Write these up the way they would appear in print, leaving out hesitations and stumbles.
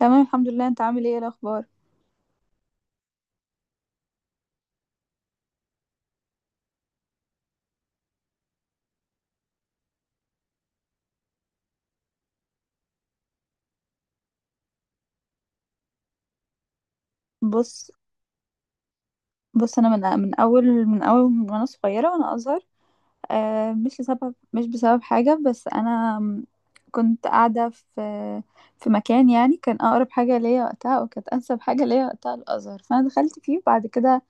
تمام، الحمد لله. انت عامل ايه، ايه الاخبار؟ بص، بص، انا من اول وانا صغيره، وانا ازهر. مش بسبب حاجه، بس انا كنت قاعده في مكان، يعني كان اقرب حاجه ليا وقتها، وكانت انسب حاجه ليا وقتها الازهر، فانا دخلت فيه، وبعد كده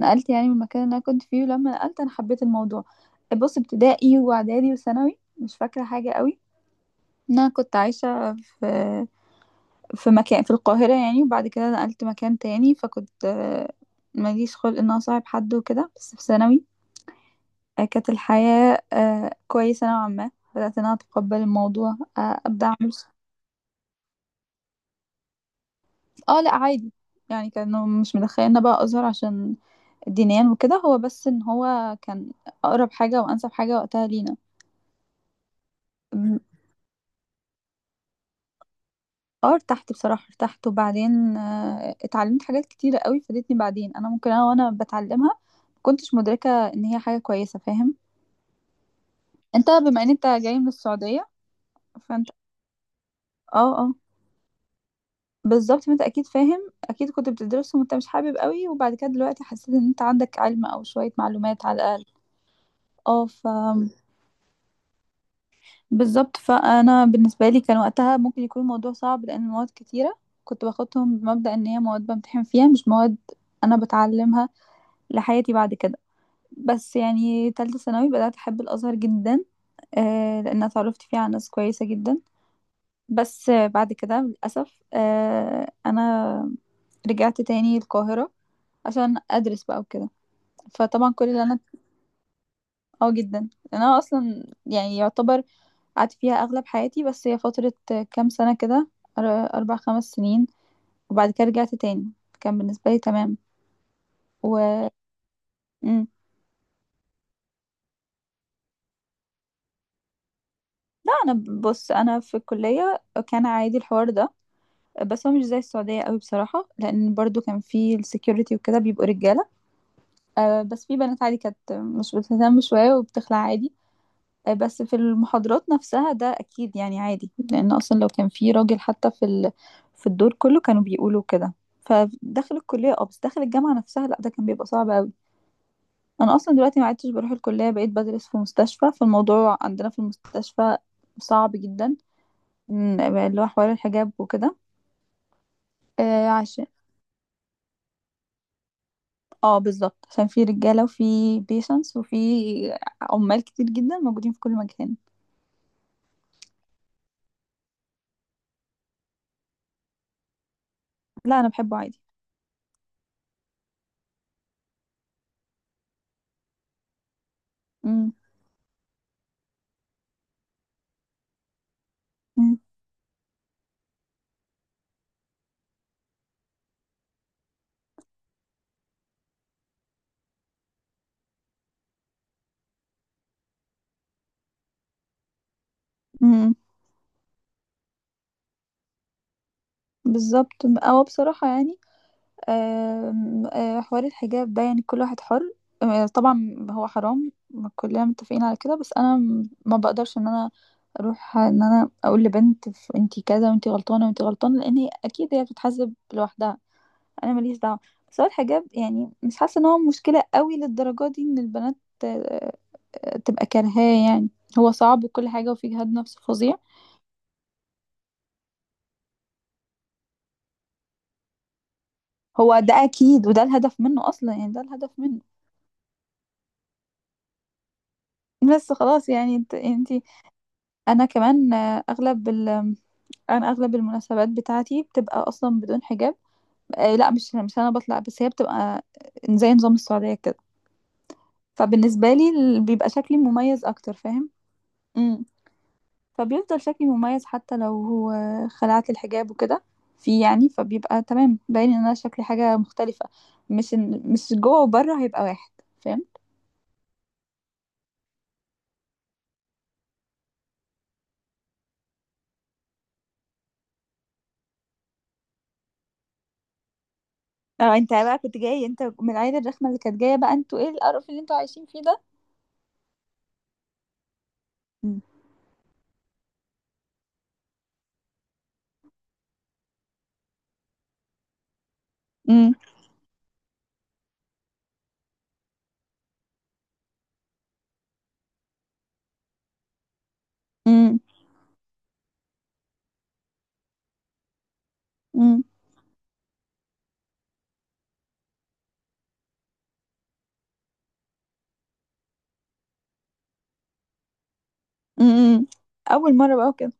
نقلت، يعني من المكان اللي انا كنت فيه، ولما نقلت انا حبيت الموضوع. بص، ابتدائي واعدادي وثانوي مش فاكره حاجه قوي، إن انا كنت عايشه في مكان في القاهرة يعني، وبعد كده نقلت مكان تاني، فكنت ماليش خلق ان أنا أصاحب حد وكده. بس في ثانوي كانت الحياة كويسة نوعا ما، بدأت ان انا اتقبل الموضوع، ابدأ اعمل. اه، لا، عادي، يعني كانوا مش مدخليننا بقى ازهر عشان دينيا وكده، هو بس ان هو كان اقرب حاجة وانسب حاجة وقتها لينا. أم. اه، ارتحت بصراحة، ارتحت، وبعدين اتعلمت حاجات كتيرة قوي فادتني بعدين، انا ممكن انا وانا بتعلمها مكنتش مدركة ان هي حاجة كويسة. فاهم؟ انت بما ان انت جاي من السعودية، فانت، اه اه، بالظبط، فانت اكيد فاهم، اكيد كنت بتدرسهم وانت مش حابب قوي، وبعد كده دلوقتي حسيت ان انت عندك علم او شوية معلومات على الاقل. اه، بالظبط، فانا بالنسبة لي كان وقتها ممكن يكون الموضوع صعب لان المواد كتيرة، كنت باخدهم بمبدأ ان هي مواد بمتحن فيها، مش مواد انا بتعلمها لحياتي بعد كده. بس يعني تالتة ثانوي بدأت أحب الأزهر جدا، لأن اتعرفت فيه على ناس كويسة جدا. بس بعد كده للأسف أنا رجعت تاني القاهرة عشان أدرس بقى وكده، فطبعا كل اللي أنا. اه، جدا، أنا أصلا يعني يعتبر قعدت فيها أغلب حياتي، بس هي فترة كام سنة كده، أر- 4 5 سنين، وبعد كده رجعت تاني، كان بالنسبة لي تمام. و مم. لا، أنا، بص، أنا في الكلية كان عادي الحوار ده، بس هو مش زي السعودية قوي بصراحة، لأن برضو كان في السكيورتي وكده بيبقوا رجالة. بس في بنات عادي كانت مش بتهتم شوية وبتخلع عادي. بس في المحاضرات نفسها ده أكيد يعني عادي، لأن أصلا لو كان في راجل حتى في الدور كله كانوا بيقولوا كده. فداخل الكلية اه، بس داخل الجامعة نفسها لأ، ده كان بيبقى صعب أوي. أنا أصلا دلوقتي ما عدتش بروح الكلية، بقيت بدرس في مستشفى، فالموضوع عندنا في المستشفى صعب جدا، اللي هو حوار الحجاب وكده. آه، عشان. اه، بالظبط، عشان في رجالة وفي بيشنس وفي عمال كتير جدا موجودين في كل مكان. لا، انا بحبه عادي. امم. امم. امم. بالظبط، او بصراحه يعني، آم، آه، حوار الحجاب ده يعني كل واحد حر. طبعا هو حرام، كلنا متفقين على كده، بس انا ما بقدرش ان انا اروح ان انا اقول لبنت انتي كذا، وانتي غلطانه وانتي غلطانه، لان هي اكيد هي بتتحاسب لوحدها، انا ماليش دعوه. بس هو الحجاب يعني مش حاسه ان هو مشكله قوي للدرجه دي، ان البنات آه، تبقى كارهاه يعني، هو صعب وكل حاجه وفيه جهاد نفس فظيع. هو ده أكيد، وده الهدف منّه أصلًا، يعني ده الهدف منّه. بس خلاص يعني، أنتِ أنتِ، أنا كمان، أغلب ال أنا أغلب المناسبات بتاعتي بتبقى أصلًا بدون حجاب. لأ، مش أنا باطلع، بس هي بتبقى زي نظام السعودية كده، فبالنسبة لي بيبقى شكلي مميّز أكتر. فاهم؟ إمم. فبيفضل شكلي مميّز، حتى لو هو خلعت الحجاب وكده، فيه يعني، فبيبقى تمام باين إن أنا شكلي حاجة مختلفة، مش إن مش جوّه وبرّه هيبقى واحد. فاهم؟ اه، انت بقى كنت جاي انت من العيله الرخمه اللي كانت جايه، بقى انتوا ايه القرف اللي انتوا عايشين فيه ده؟ مم. مم. مم. مم. مم. اول مره بقى كده.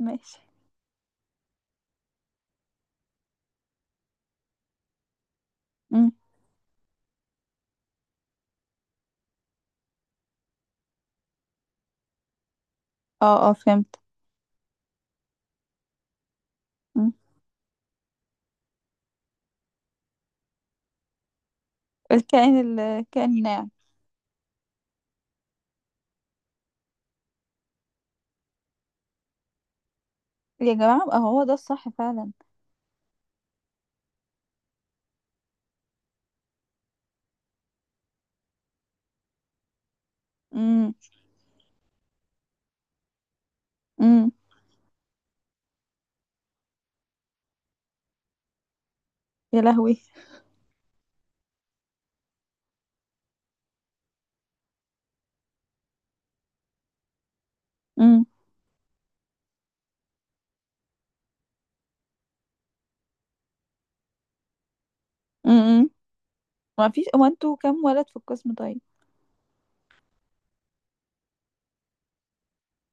ماشي. مم. اه اه، فهمت. مم. الكائن، الكائن الناعم. يا جماعه، بقى هو ده الصح فعلا. مم. مم. يا لهوي. مم. مم. ما فيش. هو انتوا كام ولد في القسم طيب؟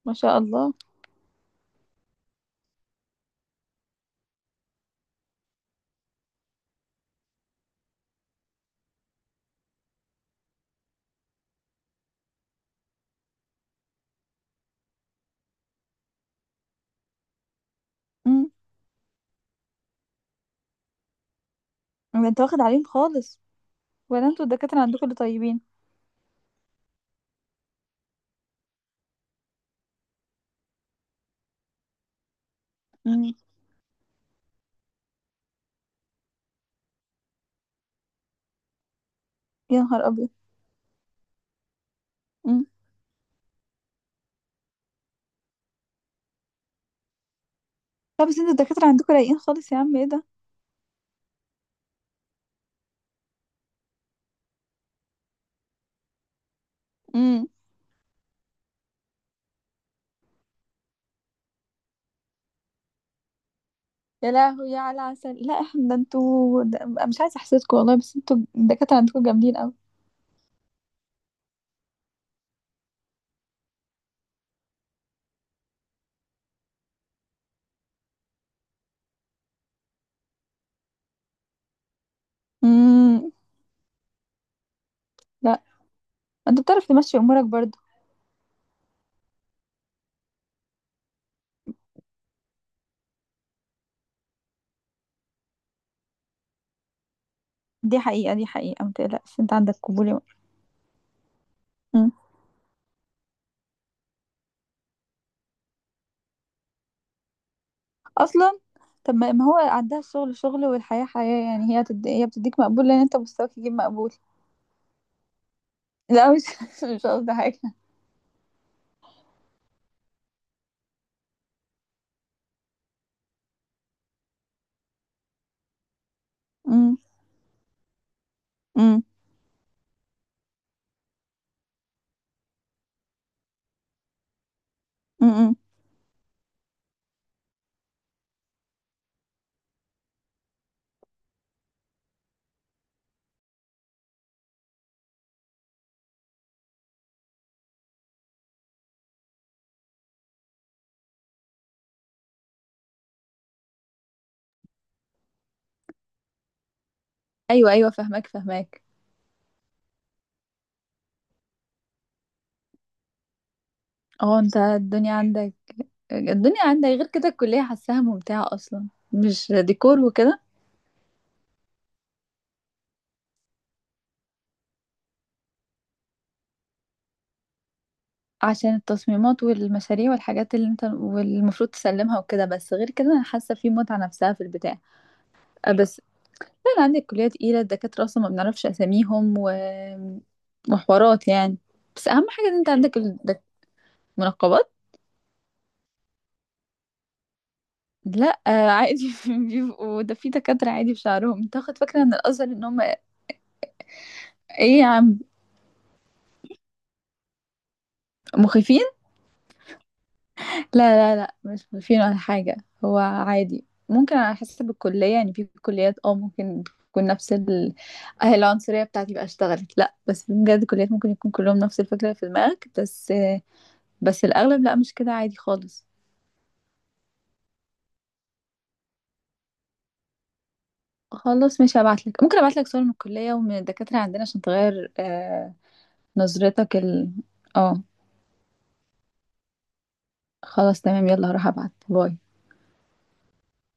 ما شاء الله. مم. ده انت واخد عليهم خالص، ولا انتوا الدكاتره عندكم اللي طيبين؟ مم. يا نهار ابيض. مم. طب بس انتوا الدكاتره عندكم رايقين خالص، يا عم ايه ده؟ امم. يا لهوي، يا على العسل، لا احنا ده انتوا ده، مش عايزه احسدكم والله، بس انتوا الدكاتره عندكم جامدين قوي. امم. لا، انت بتعرف تمشي امورك برضو. دي حقيقه، دي حقيقه، ما تقلقش انت عندك قبول يا مرة. مم. اصلا. طب، ما هو عندها الشغل شغل والحياه حياه، يعني هي بتديك مقبول لان انت مستواك يجيب مقبول. لا، مش مش قصدي حاجه. امم. امم. امم. ايوه ايوه، فهماك فهماك. اه، انت الدنيا عندك. الدنيا عندك، غير كده الكليه حاساها ممتعه اصلا، مش ديكور وكده؟ عشان التصميمات والمشاريع والحاجات اللي انت والمفروض تسلمها وكده، بس غير كده انا حاسه في متعه نفسها في البتاع. أه، بس انا عندي الكليه تقيله، الدكاتره اصلا ما بنعرفش اساميهم و... وحوارات يعني، بس اهم حاجه ان انت عندك منقبات. لا، عادي بيبقوا، ده في دكاتره عادي بشعرهم، انت واخد فكره ان الازهر ان هم، ايه يا عم؟ مخيفين. لا لا لا، مش مفيد ولا حاجة. هو عادي، ممكن على حسب الكلية، يعني في كليات اه ممكن تكون نفس ال... آه، العنصرية بتاعتي بقى اشتغلت. لا، بس في بجد كليات ممكن يكون كلهم نفس الفكرة في دماغك، بس الأغلب لا، مش كده، عادي خالص. خلاص، مش هبعتلك، ممكن أبعتلك صور من الكلية ومن الدكاترة عندنا عشان تغير نظرتك اه، خلاص تمام، يلا هروح أبعت، باي.